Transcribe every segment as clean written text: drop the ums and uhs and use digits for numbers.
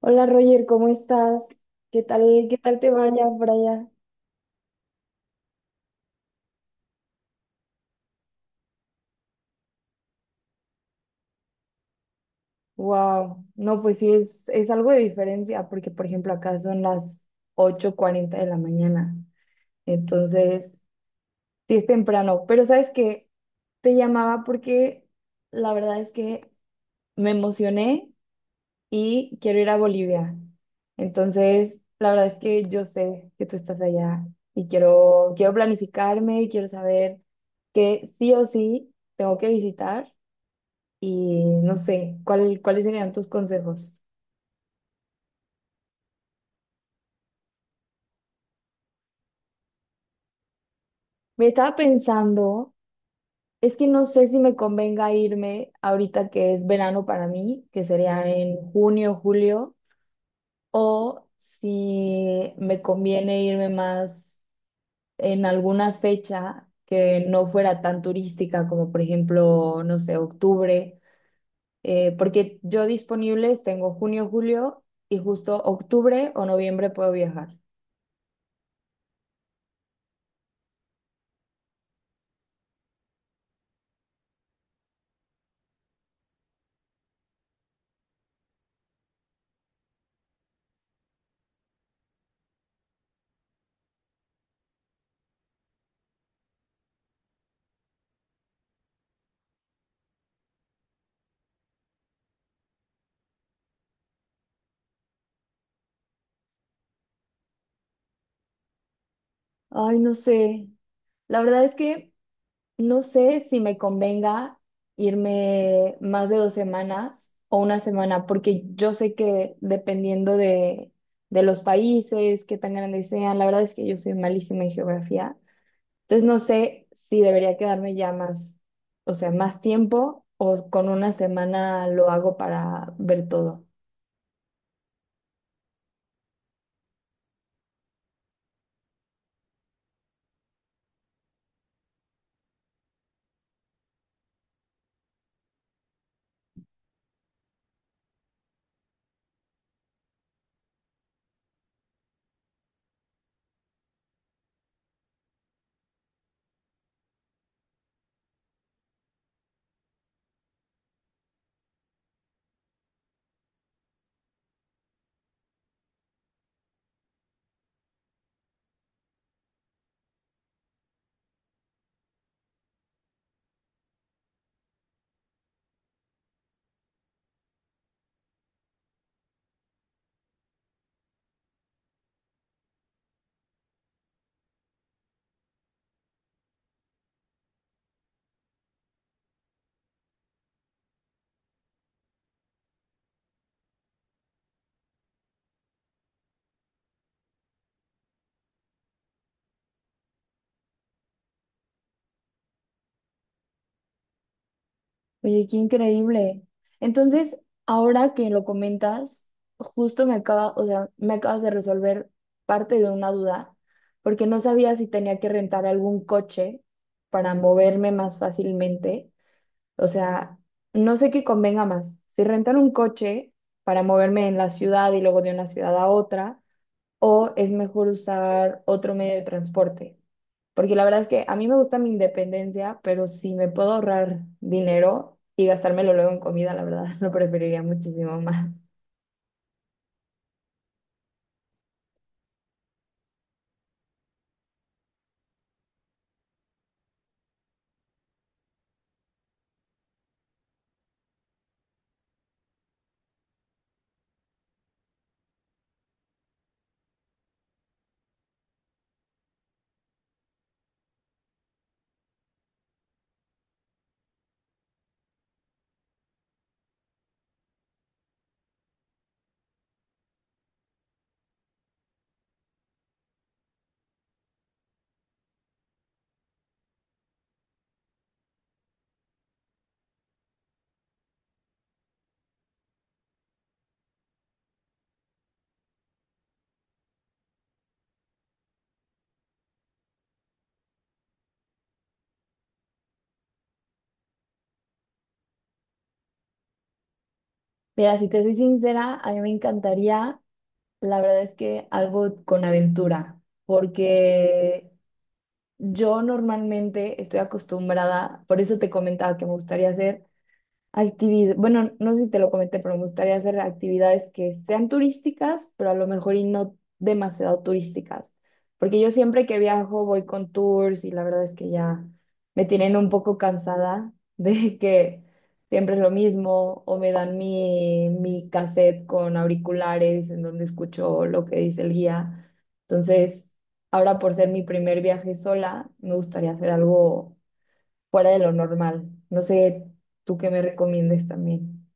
Hola Roger, ¿cómo estás? ¿Qué tal te vaya por allá? Wow, no, pues sí es algo de diferencia, porque por ejemplo acá son las 8:40 de la mañana, entonces sí es temprano, pero sabes que te llamaba porque la verdad es que me emocioné y quiero ir a Bolivia, entonces la verdad es que yo sé que tú estás allá y quiero planificarme y quiero saber que sí o sí tengo que visitar. Y no sé, ¿cuáles serían tus consejos? Me estaba pensando, es que no sé si me convenga irme ahorita que es verano para mí, que sería en junio, julio, o si me conviene irme más en alguna fecha que no fuera tan turística, como por ejemplo, no sé, octubre, porque yo disponibles tengo junio, julio y justo octubre o noviembre puedo viajar. Ay, no sé. La verdad es que no sé si me convenga irme más de 2 semanas o una semana, porque yo sé que dependiendo de los países, qué tan grandes sean, la verdad es que yo soy malísima en geografía. Entonces no sé si debería quedarme ya más, o sea, más tiempo o con una semana lo hago para ver todo. Oye, qué increíble. Entonces, ahora que lo comentas, justo o sea, me acabas de resolver parte de una duda, porque no sabía si tenía que rentar algún coche para moverme más fácilmente. O sea, no sé qué convenga más, si rentar un coche para moverme en la ciudad y luego de una ciudad a otra, o es mejor usar otro medio de transporte. Porque la verdad es que a mí me gusta mi independencia, pero si me puedo ahorrar dinero y gastármelo luego en comida, la verdad lo preferiría muchísimo más. Mira, si te soy sincera, a mí me encantaría, la verdad es que algo con aventura, porque yo normalmente estoy acostumbrada, por eso te comentaba que me gustaría hacer actividad, bueno, no sé si te lo comenté, pero me gustaría hacer actividades que sean turísticas, pero a lo mejor y no demasiado turísticas, porque yo siempre que viajo voy con tours y la verdad es que ya me tienen un poco cansada de que siempre es lo mismo o me dan mi cassette con auriculares en donde escucho lo que dice el guía. Entonces, ahora por ser mi primer viaje sola, me gustaría hacer algo fuera de lo normal. No sé, tú qué me recomiendes también.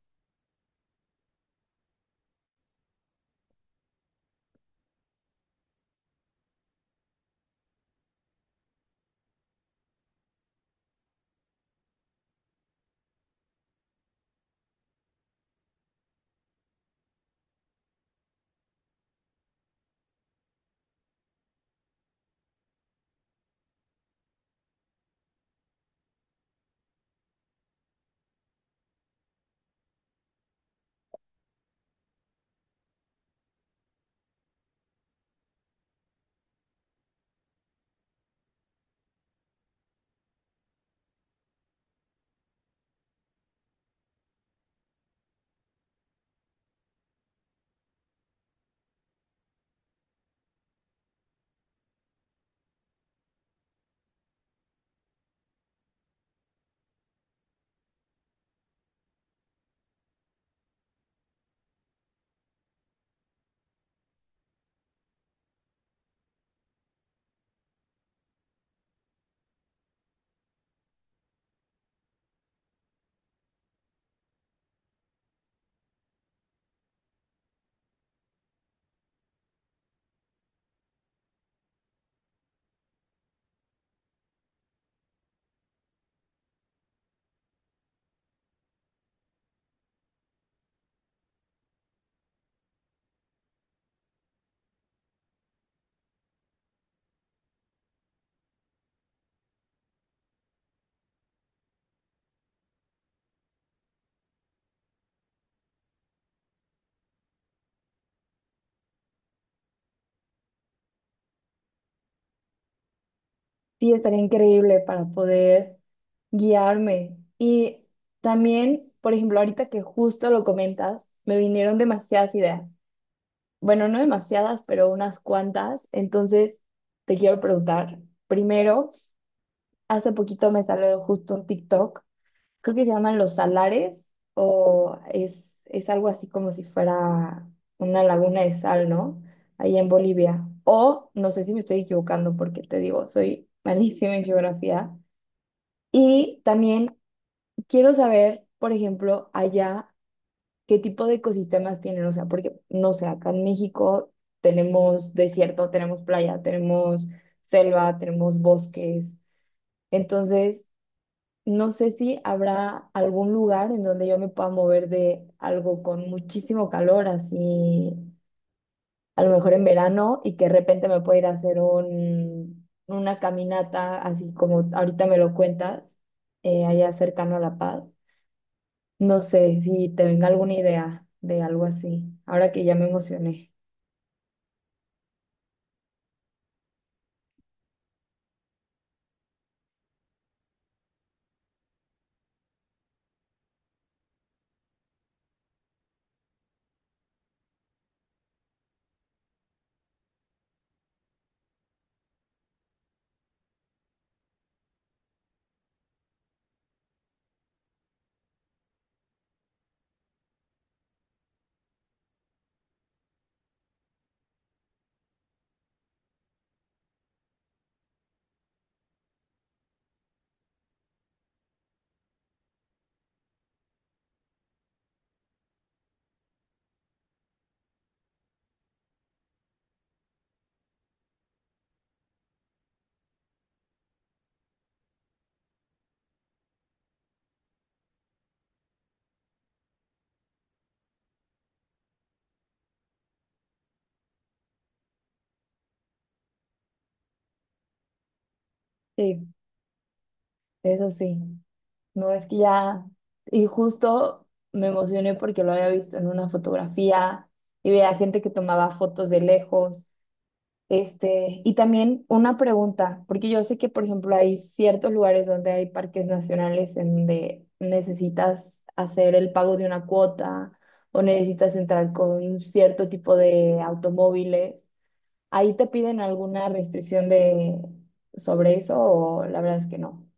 Sí, estaría increíble para poder guiarme. Y también, por ejemplo, ahorita que justo lo comentas, me vinieron demasiadas ideas. Bueno, no demasiadas, pero unas cuantas. Entonces, te quiero preguntar, primero, hace poquito me salió justo un TikTok, creo que se llaman los salares, es algo así como si fuera una laguna de sal, ¿no? Allá en Bolivia. O no sé si me estoy equivocando porque te digo, soy malísima en geografía. Y también quiero saber, por ejemplo, allá qué tipo de ecosistemas tienen, o sea, porque no sé, acá en México tenemos desierto, tenemos playa, tenemos selva, tenemos bosques. Entonces, no sé si habrá algún lugar en donde yo me pueda mover de algo con muchísimo calor, así a lo mejor en verano, y que de repente me pueda ir a hacer una caminata, así como ahorita me lo cuentas, allá cercano a La Paz. No sé si te venga alguna idea de algo así, ahora que ya me emocioné. Sí, eso sí. No, es que ya, y justo me emocioné porque lo había visto en una fotografía y veía gente que tomaba fotos de lejos. Este, y también una pregunta, porque yo sé que, por ejemplo, hay ciertos lugares donde hay parques nacionales en donde necesitas hacer el pago de una cuota o necesitas entrar con cierto tipo de automóviles. ¿Ahí te piden alguna restricción de sobre eso o la verdad es que no?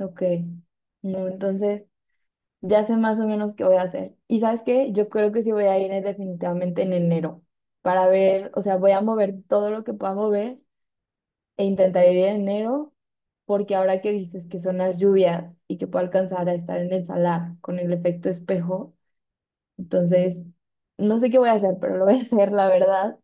Ok. No, entonces ya sé más o menos qué voy a hacer. ¿Y sabes qué? Yo creo que sí voy a ir, definitivamente en enero para ver, o sea, voy a mover todo lo que pueda mover e intentaré ir en enero porque ahora que dices que son las lluvias y que puedo alcanzar a estar en el salar con el efecto espejo, entonces no sé qué voy a hacer, pero lo voy a hacer, la verdad.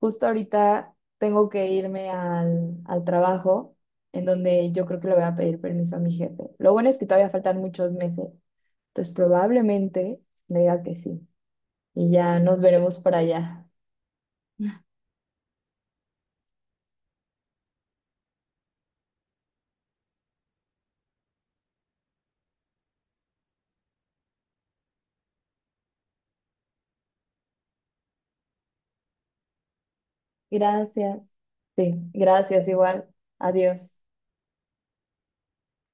Justo ahorita tengo que irme al trabajo en donde yo creo que le voy a pedir permiso a mi jefe. Lo bueno es que todavía faltan muchos meses. Entonces probablemente me diga que sí. Y ya nos veremos por allá. Gracias. Sí, gracias igual. Adiós.